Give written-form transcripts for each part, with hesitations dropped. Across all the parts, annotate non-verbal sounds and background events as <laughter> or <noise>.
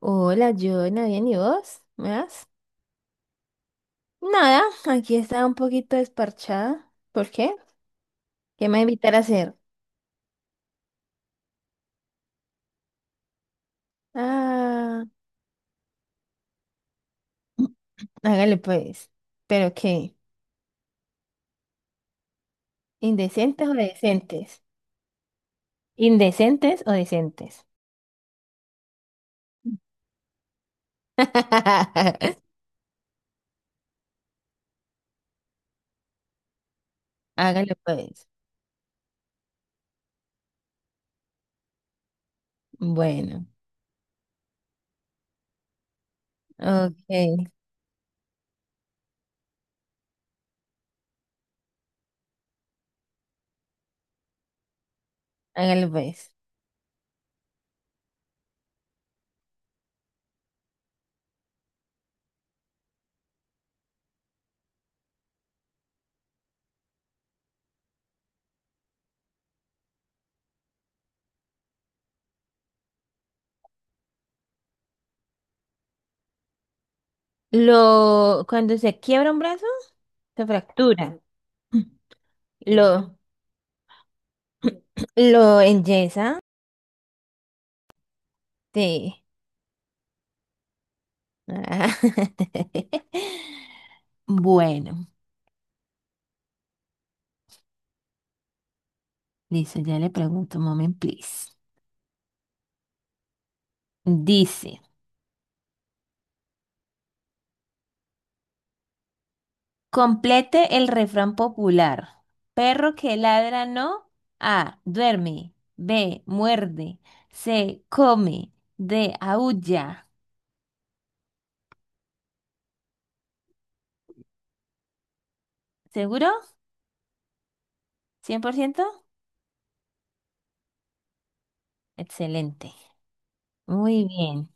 Hola, Joana, ¿bien y vos? ¿Me das? Nada, aquí estaba un poquito desparchada. ¿Por qué? ¿Qué me va a invitar a hacer? Ah, mm, hágale pues. ¿Pero qué? ¿Indecentes o decentes? ¿Indecentes o decentes? <laughs> Hágale pues. Bueno, ok, hágale pues. Cuando se quiebra un brazo, se fractura. Lo, <clears throat> lo enyesa, sí. Ah, <laughs> Bueno, listo, ya le pregunto, moment, please. Dice, complete el refrán popular. Perro que ladra no. A, duerme. B, muerde. C, come. D, aúlla. ¿Seguro? ¿100%? Excelente. Muy bien.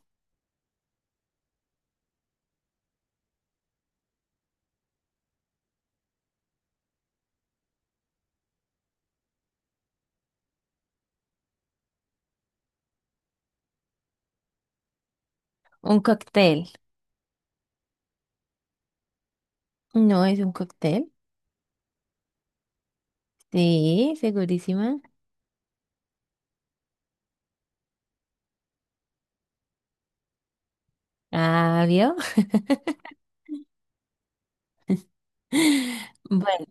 Un cóctel. No es un cóctel. Sí, segurísima. Ah, ¿vio? <laughs> Bueno,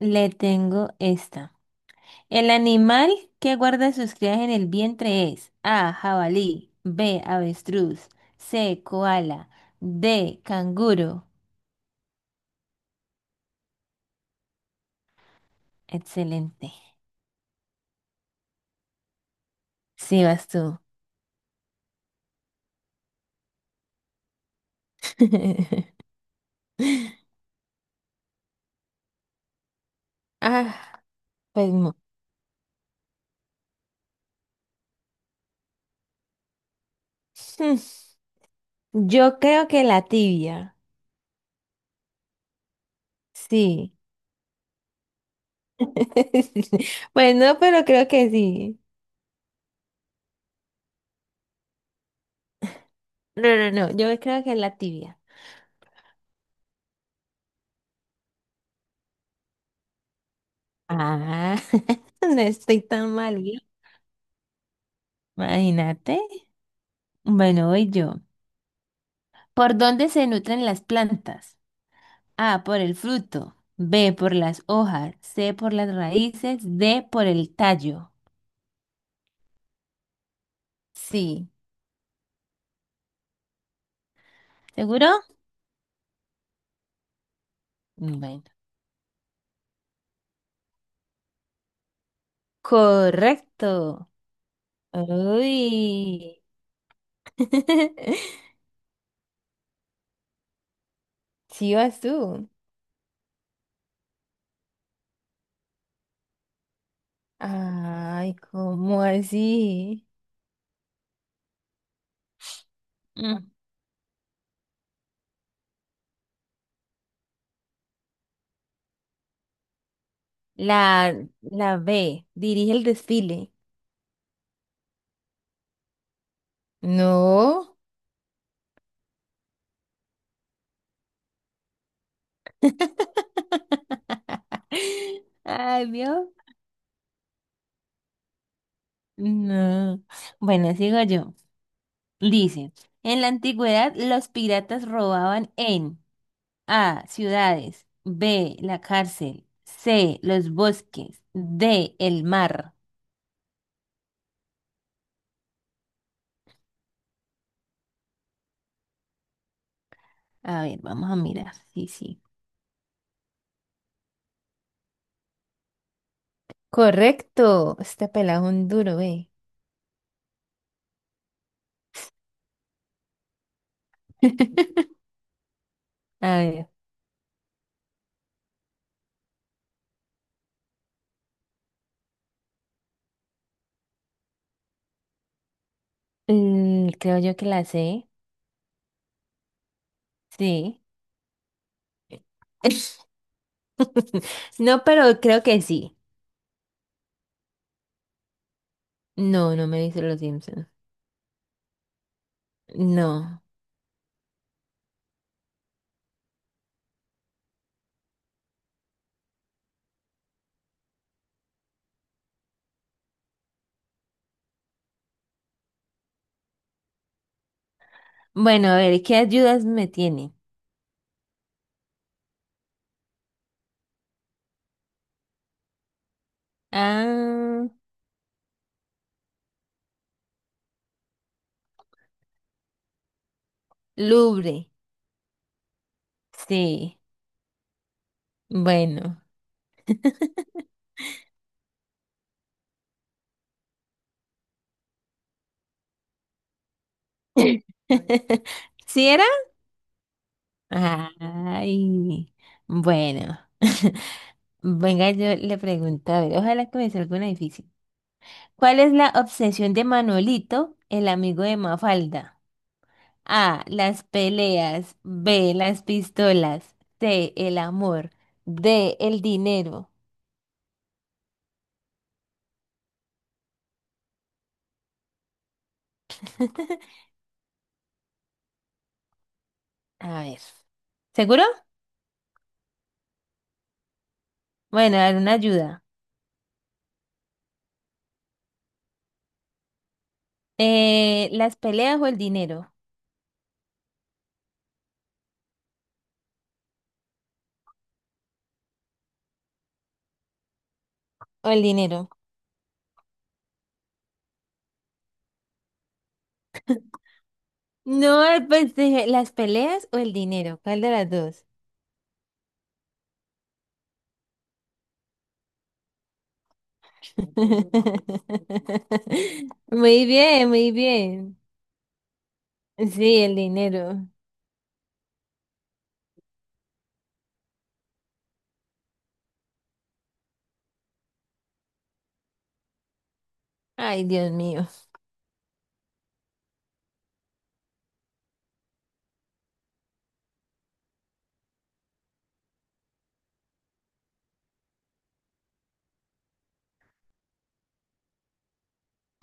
le tengo esta. El animal que guarda sus crías en el vientre es A. Jabalí, B. Avestruz, C. Koala, D. Canguro. Excelente. Sí, vas tú. <laughs> Ah, pues no. <laughs> Hmm, Yo creo que la tibia. Sí. <laughs> Pues no, pero creo que sí. No, no, no, yo creo que la tibia. Ah, <laughs> no estoy tan mal, ¿vio? Imagínate. Bueno, voy yo. ¿Por dónde se nutren las plantas? A, por el fruto. B, por las hojas. C, por las raíces. D, por el tallo. Sí. ¿Seguro? Bueno. Correcto. Uy. <laughs> Sí vas tú. Ay, ¿cómo así? Mm. La, la B, dirige el desfile. No. <laughs> Ay, Dios. No. Bueno, sigo yo. Dice, en la antigüedad los piratas robaban en A, ciudades, B, la cárcel, C, los bosques, D, el mar. A ver, vamos a mirar. Sí, sí. Correcto. Este pelado es un duro, eh. <laughs> A ver, creo yo que la c. Sí. <laughs> No, pero creo que sí. No, no me dice los Simpsons. No. Bueno, a ver, ¿qué ayudas me tiene? Ah, Louvre. Sí. Bueno. <laughs> ¿Sí era? Ay. Bueno. <laughs> Venga, yo le pregunto, a ver, ojalá que me salga una difícil. ¿Cuál es la obsesión de Manuelito, el amigo de Mafalda? A, las peleas, B, las pistolas, C, el amor, D, el dinero. <laughs> A ver. ¿Seguro? Bueno, a ver, una ayuda. ¿Las peleas o el dinero? O el dinero. No, pues dije, ¿las peleas o el dinero? ¿Cuál de las dos? <laughs> Muy bien, muy bien. Sí, el dinero. Ay, Dios mío.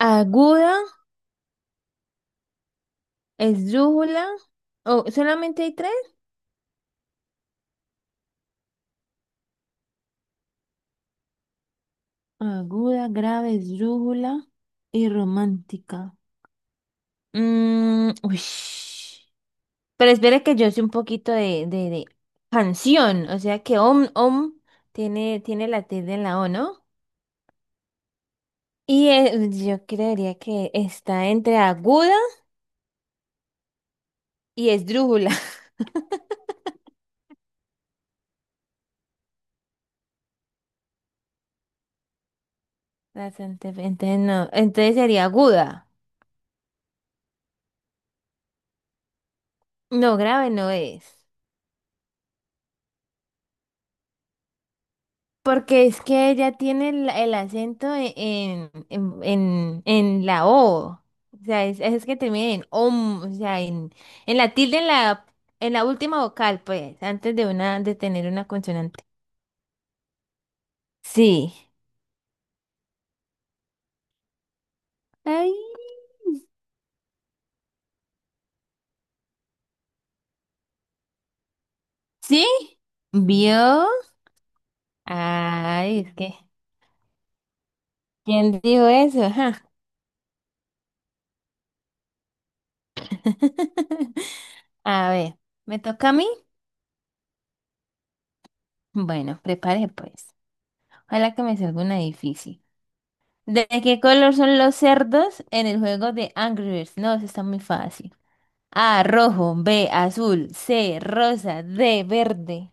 Aguda, esdrújula. Oh, ¿solamente hay tres? Aguda, grave, esdrújula y romántica. Mm, uish. Pero espera que yo sé un poquito de canción, o sea que om, om tiene la tilde en la O, ¿no? Y yo creería que está entre aguda y esdrújula. <laughs> Bastante, entonces no, entonces sería aguda. No, grave no es. Porque es que ella tiene el acento en la O. O sea, es que termina en om, o sea, en la tilde en la última vocal, pues, antes de una, de tener una consonante. Sí. Ay, ¿sí? ¿Vio? Ay, es que, ¿Quién dijo eso? Ajá. <laughs> A ver, ¿me toca a mí? Bueno, prepare pues. Ojalá que me salga una difícil. ¿De qué color son los cerdos en el juego de Angry Birds? No, eso está muy fácil. A, rojo, B, azul, C, rosa, D, verde.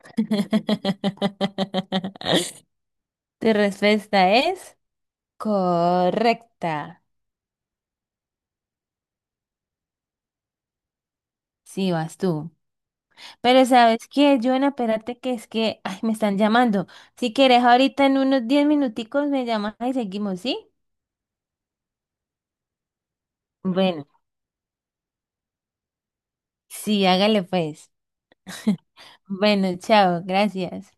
<laughs> Tu respuesta es correcta. Sí, vas tú. Pero ¿sabes qué, Joana? Espérate que es que ay, me están llamando. Si quieres, ahorita en unos 10 minuticos me llamas y seguimos, ¿sí? Bueno, sí, hágale pues. Bueno, chao, gracias.